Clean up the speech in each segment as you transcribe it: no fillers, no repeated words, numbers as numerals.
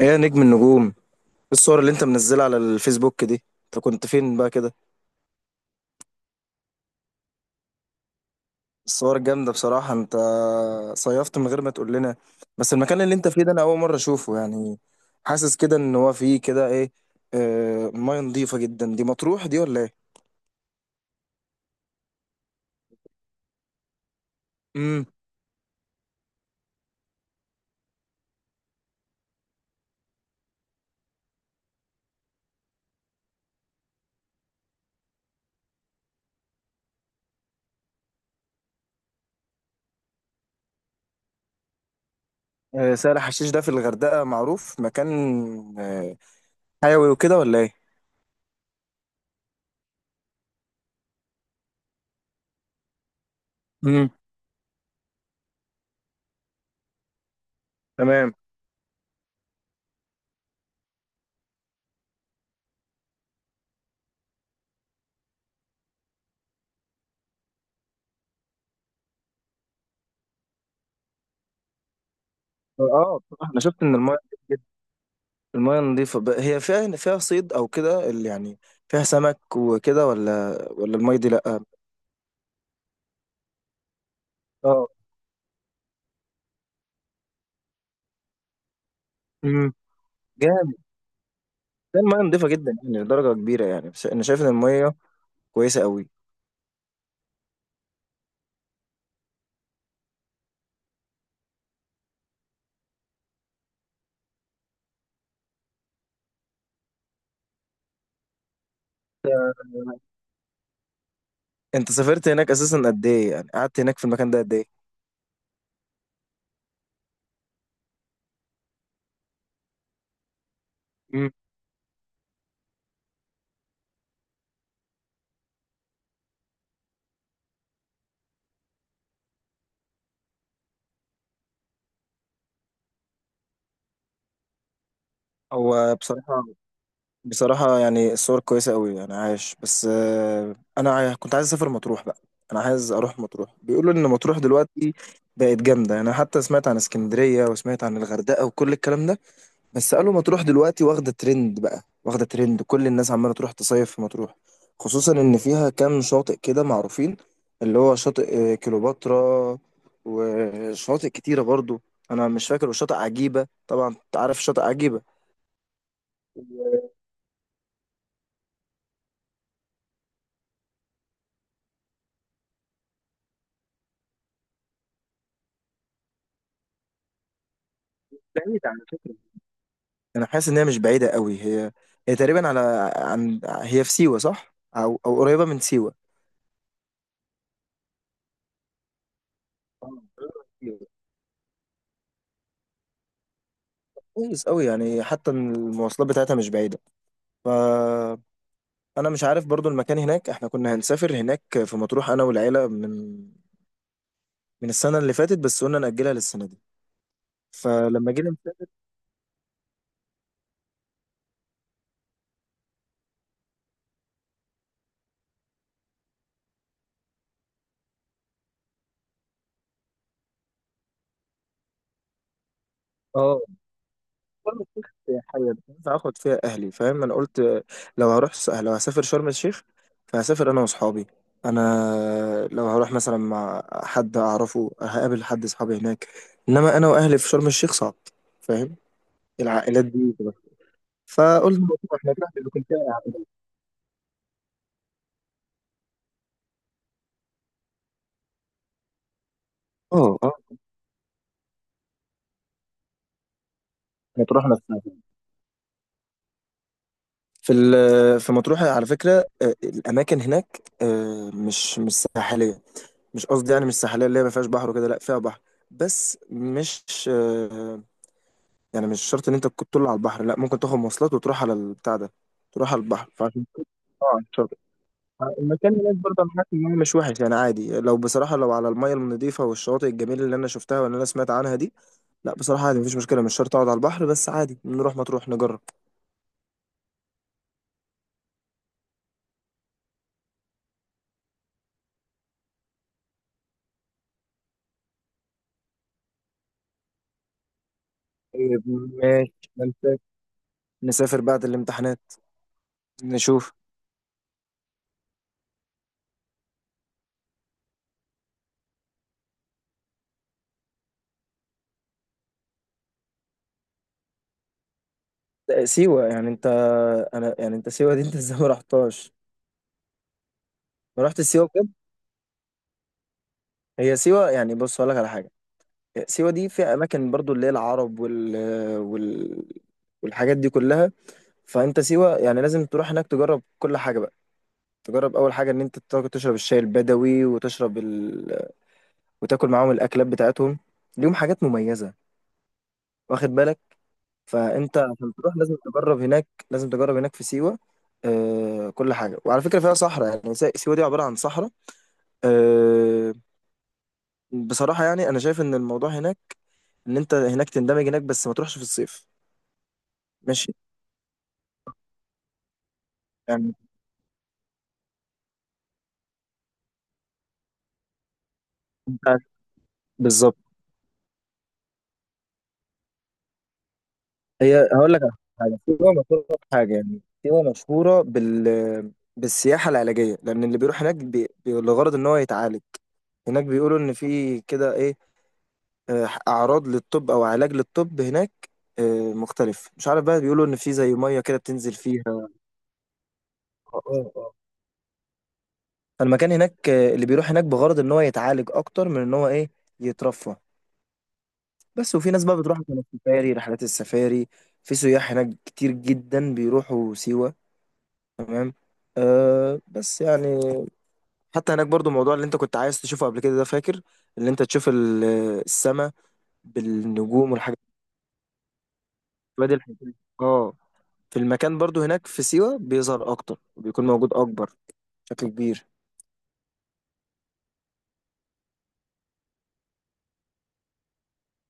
ايه يا نجم النجوم، إيه؟ الصور اللي انت منزلها على الفيسبوك دي، انت كنت فين بقى كده؟ الصور جامدة بصراحة، انت صيفت من غير ما تقول لنا. بس المكان اللي انت فيه ده، انا اول مرة اشوفه يعني. حاسس كده ان هو فيه كده ايه. آه، مياه نظيفة جدا، دي مطروح دي ولا ايه؟ امم. آه، سهل حشيش ده في الغردقة معروف مكان. آه، حيوي وكده ولا ايه؟ امم. تمام. اه، بصراحة انا شفت ان المياه، المياه النظيفة هي فيها صيد أو كده اللي يعني فيها سمك وكده ولا المية دي لأ؟ اه. امم. جامد. ده المياه نظيفة جدا يعني لدرجة كبيرة يعني، بس أنا شايف إن المياه كويسة قوي. آه، أنت سافرت هناك أساسا قد إيه؟ يعني قعدت هناك في المكان ده قد إيه؟ امم. هو بصراحة، بصراحة يعني الصور كويسة قوي يعني عايش، بس أنا كنت عايز أسافر مطروح بقى. أنا عايز أروح مطروح، بيقولوا إن مطروح دلوقتي بقت جامدة. أنا حتى سمعت عن اسكندرية وسمعت عن الغردقة وكل الكلام ده، بس قالوا مطروح دلوقتي واخدة ترند بقى واخدة ترند، كل الناس عمالة تروح تصيف في مطروح. خصوصا إن فيها كام شاطئ كده معروفين، اللي هو شاطئ كليوباترا، وشواطئ كتيرة برضو أنا مش فاكر، وشاطئ عجيبة. طبعا أنت عارف شاطئ عجيبة. بعيدة على فكرة، أنا حاسس إن هي مش بعيدة قوي. هي هي تقريبا على، عن، هي في سيوة صح؟ أو قريبة من سيوة. آه، قريبة من سيوة. كويس قوي يعني، حتى إن المواصلات بتاعتها مش بعيدة، ف انا مش عارف برضو المكان هناك. احنا كنا هنسافر هناك في مطروح، انا والعيله، من من السنه اللي فاتت، بس قلنا ناجلها للسنه دي. فلما جينا نسافر، اه، شرم الشيخ سياحية، مش هينفع اخد فيها اهلي، فاهم. انا قلت لو هروح، لو هسافر شرم الشيخ، فهسافر انا واصحابي. انا لو هروح مثلا مع حد اعرفه، هقابل حد اصحابي هناك. انما انا واهلي في شرم الشيخ صعب، فاهم. العائلات دي فقلنا مطروح، مطروح اللي كنت فيها. اه، اه، مطروح نفسها. في مطروح على فكرة، الأماكن هناك مش ساحلية. مش قصدي يعني مش ساحلية اللي هي ما فيهاش بحر وكده، لا فيها بحر، بس مش آه، يعني مش شرط إن أنت تكون طول على البحر، لا ممكن تاخد مواصلات وتروح على البتاع ده، تروح على البحر. فعشان كده اه على الشاطئ. المكان هناك برضه أنا حاسس إن هو مش وحش يعني عادي، لو بصراحة لو على المية النظيفة والشواطئ الجميلة اللي أنا شفتها واللي أنا سمعت عنها دي، لا بصراحة عادي مفيش مشكلة، مش شرط أقعد على البحر، بس عادي نروح مطروح نجرب. طيب. ماشي، نسافر بعد الامتحانات. نشوف. سيوة يعني انت، انا يعني انت سيوة دي، انت ازاي ما رحتهاش؟ ما رحت سيوة بجد. هي سيوة يعني، بص هقول لك على حاجة. سيوة دي فيها اماكن برضو اللي هي العرب وال... والحاجات دي كلها. فانت سيوة يعني لازم تروح هناك تجرب كل حاجة بقى. تجرب اول حاجة ان انت تشرب الشاي البدوي وتشرب وتاكل معاهم الاكلات بتاعتهم. ليهم حاجات مميزة، واخد بالك. فانت عشان تروح لازم تجرب هناك، لازم تجرب هناك في سيوه آه كل حاجه. وعلى فكره فيها صحراء يعني، سيوه دي عباره عن صحراء. آه، بصراحه يعني انا شايف ان الموضوع هناك ان انت هناك تندمج هناك، بس ما تروحش في الصيف. ماشي. يعني انت بالظبط. هي هقول لك على حاجه، سيوه مشهوره بحاجه، يعني سيوه مشهوره بال بالسياحه العلاجيه، لان اللي بيروح هناك لغرض ان هو يتعالج. هناك بيقولوا ان في كده ايه، اعراض للطب او علاج للطب هناك مختلف، مش عارف بقى. بيقولوا ان في زي ميه كده بتنزل فيها. اه، اه، آه. فالمكان هناك اللي بيروح هناك بغرض ان هو يتعالج اكتر من ان هو ايه، يترفه. بس وفي ناس بقى بتروح عشان السفاري، رحلات السفاري. في سياح هناك كتير جدا بيروحوا سيوة. تمام. أه، بس يعني حتى هناك برضو الموضوع اللي انت كنت عايز تشوفه قبل كده ده، فاكر؟ اللي انت تشوف السماء بالنجوم والحاجات دي، الحاجات دي. اه. في المكان برضو هناك في سيوة بيظهر أكتر وبيكون موجود أكبر بشكل كبير.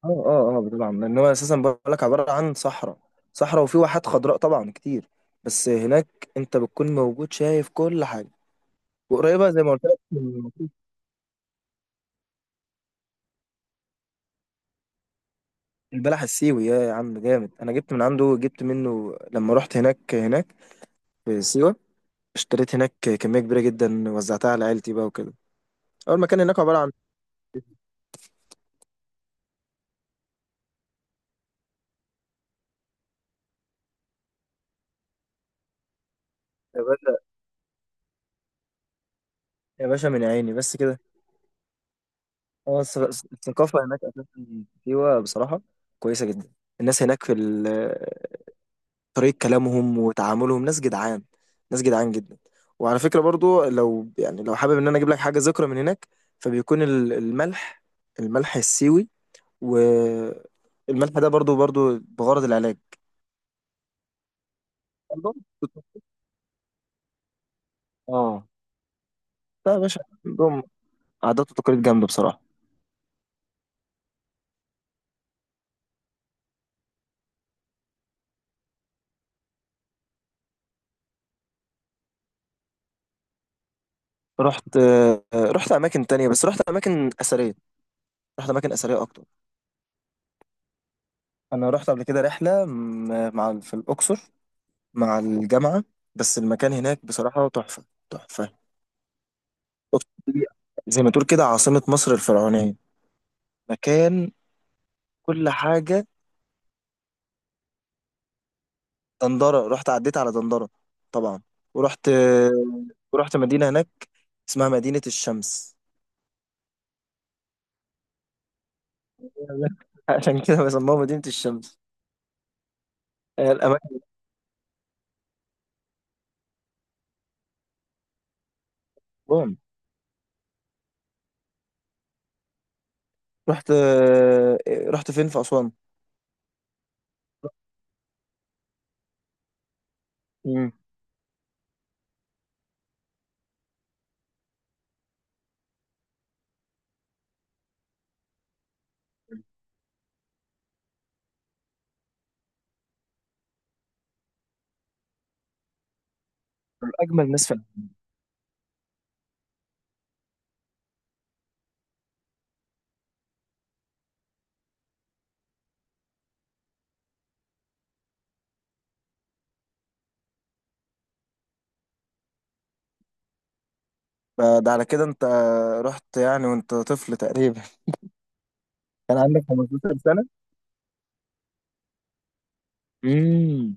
اه، اه، اه، طبعا لأن هو أساسا بقولك عبارة عن صحراء، صحراء وفي واحات خضراء طبعا كتير. بس هناك أنت بتكون موجود شايف كل حاجة. وقريبة زي ما قلت لك من. البلح السيوي يا عم جامد، أنا جبت من عنده، جبت منه لما رحت هناك. في سيوة اشتريت هناك كمية كبيرة جدا، وزعتها على عيلتي بقى وكده. أول مكان هناك عبارة عن. يا باشا. يا باشا، من عيني بس كده. اه الثقافة هناك أساسا، سيوة بصراحة كويسة جدا. الناس هناك في طريقة كلامهم وتعاملهم ناس جدعان، ناس جدعان جدا. وعلى فكرة برضو لو يعني لو حابب إن أنا أجيب لك حاجة ذكرى من هناك، فبيكون الملح، الملح السيوي. والملح ده برضو بغرض العلاج. عندهم اه، لا يا باشا، عندهم عادات وتقاليد جامدة بصراحة. رحت رحت أماكن تانية، بس رحت أماكن أثرية. رحت أماكن أثرية أكتر. انا رحت قبل كده رحله مع، في الاقصر مع الجامعه. بس المكان هناك بصراحه تحفه، تحفه. الاقصر دي زي ما تقول كده عاصمه مصر الفرعونيه، مكان كل حاجه. دندره رحت، عديت على دندره طبعا. ورحت ورحت مدينه هناك اسمها مدينه الشمس. عشان كده بسموها مدينه الشمس. الاماكن كلهم. رحت رحت فين في اسوان. مم. من اجمل ناس فعلا. فده على كده انت رحت يعني وانت طفل تقريبا، كان عندك 15 سنة. امم.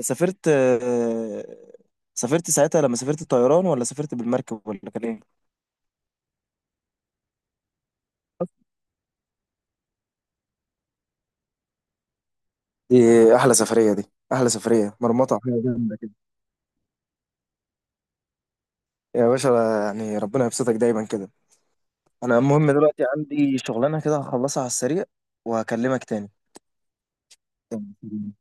سافرت سافرت ساعتها، لما سافرت الطيران ولا سافرت بالمركب ولا كان ايه؟ دي احلى سفرية، دي احلى سفرية مرمطة، حاجة جامدة كده. يا باشا، يعني ربنا يبسطك دايما كده. انا المهم دلوقتي عندي شغلانة كده، هخلصها على السريع وهكلمك تاني. تمام.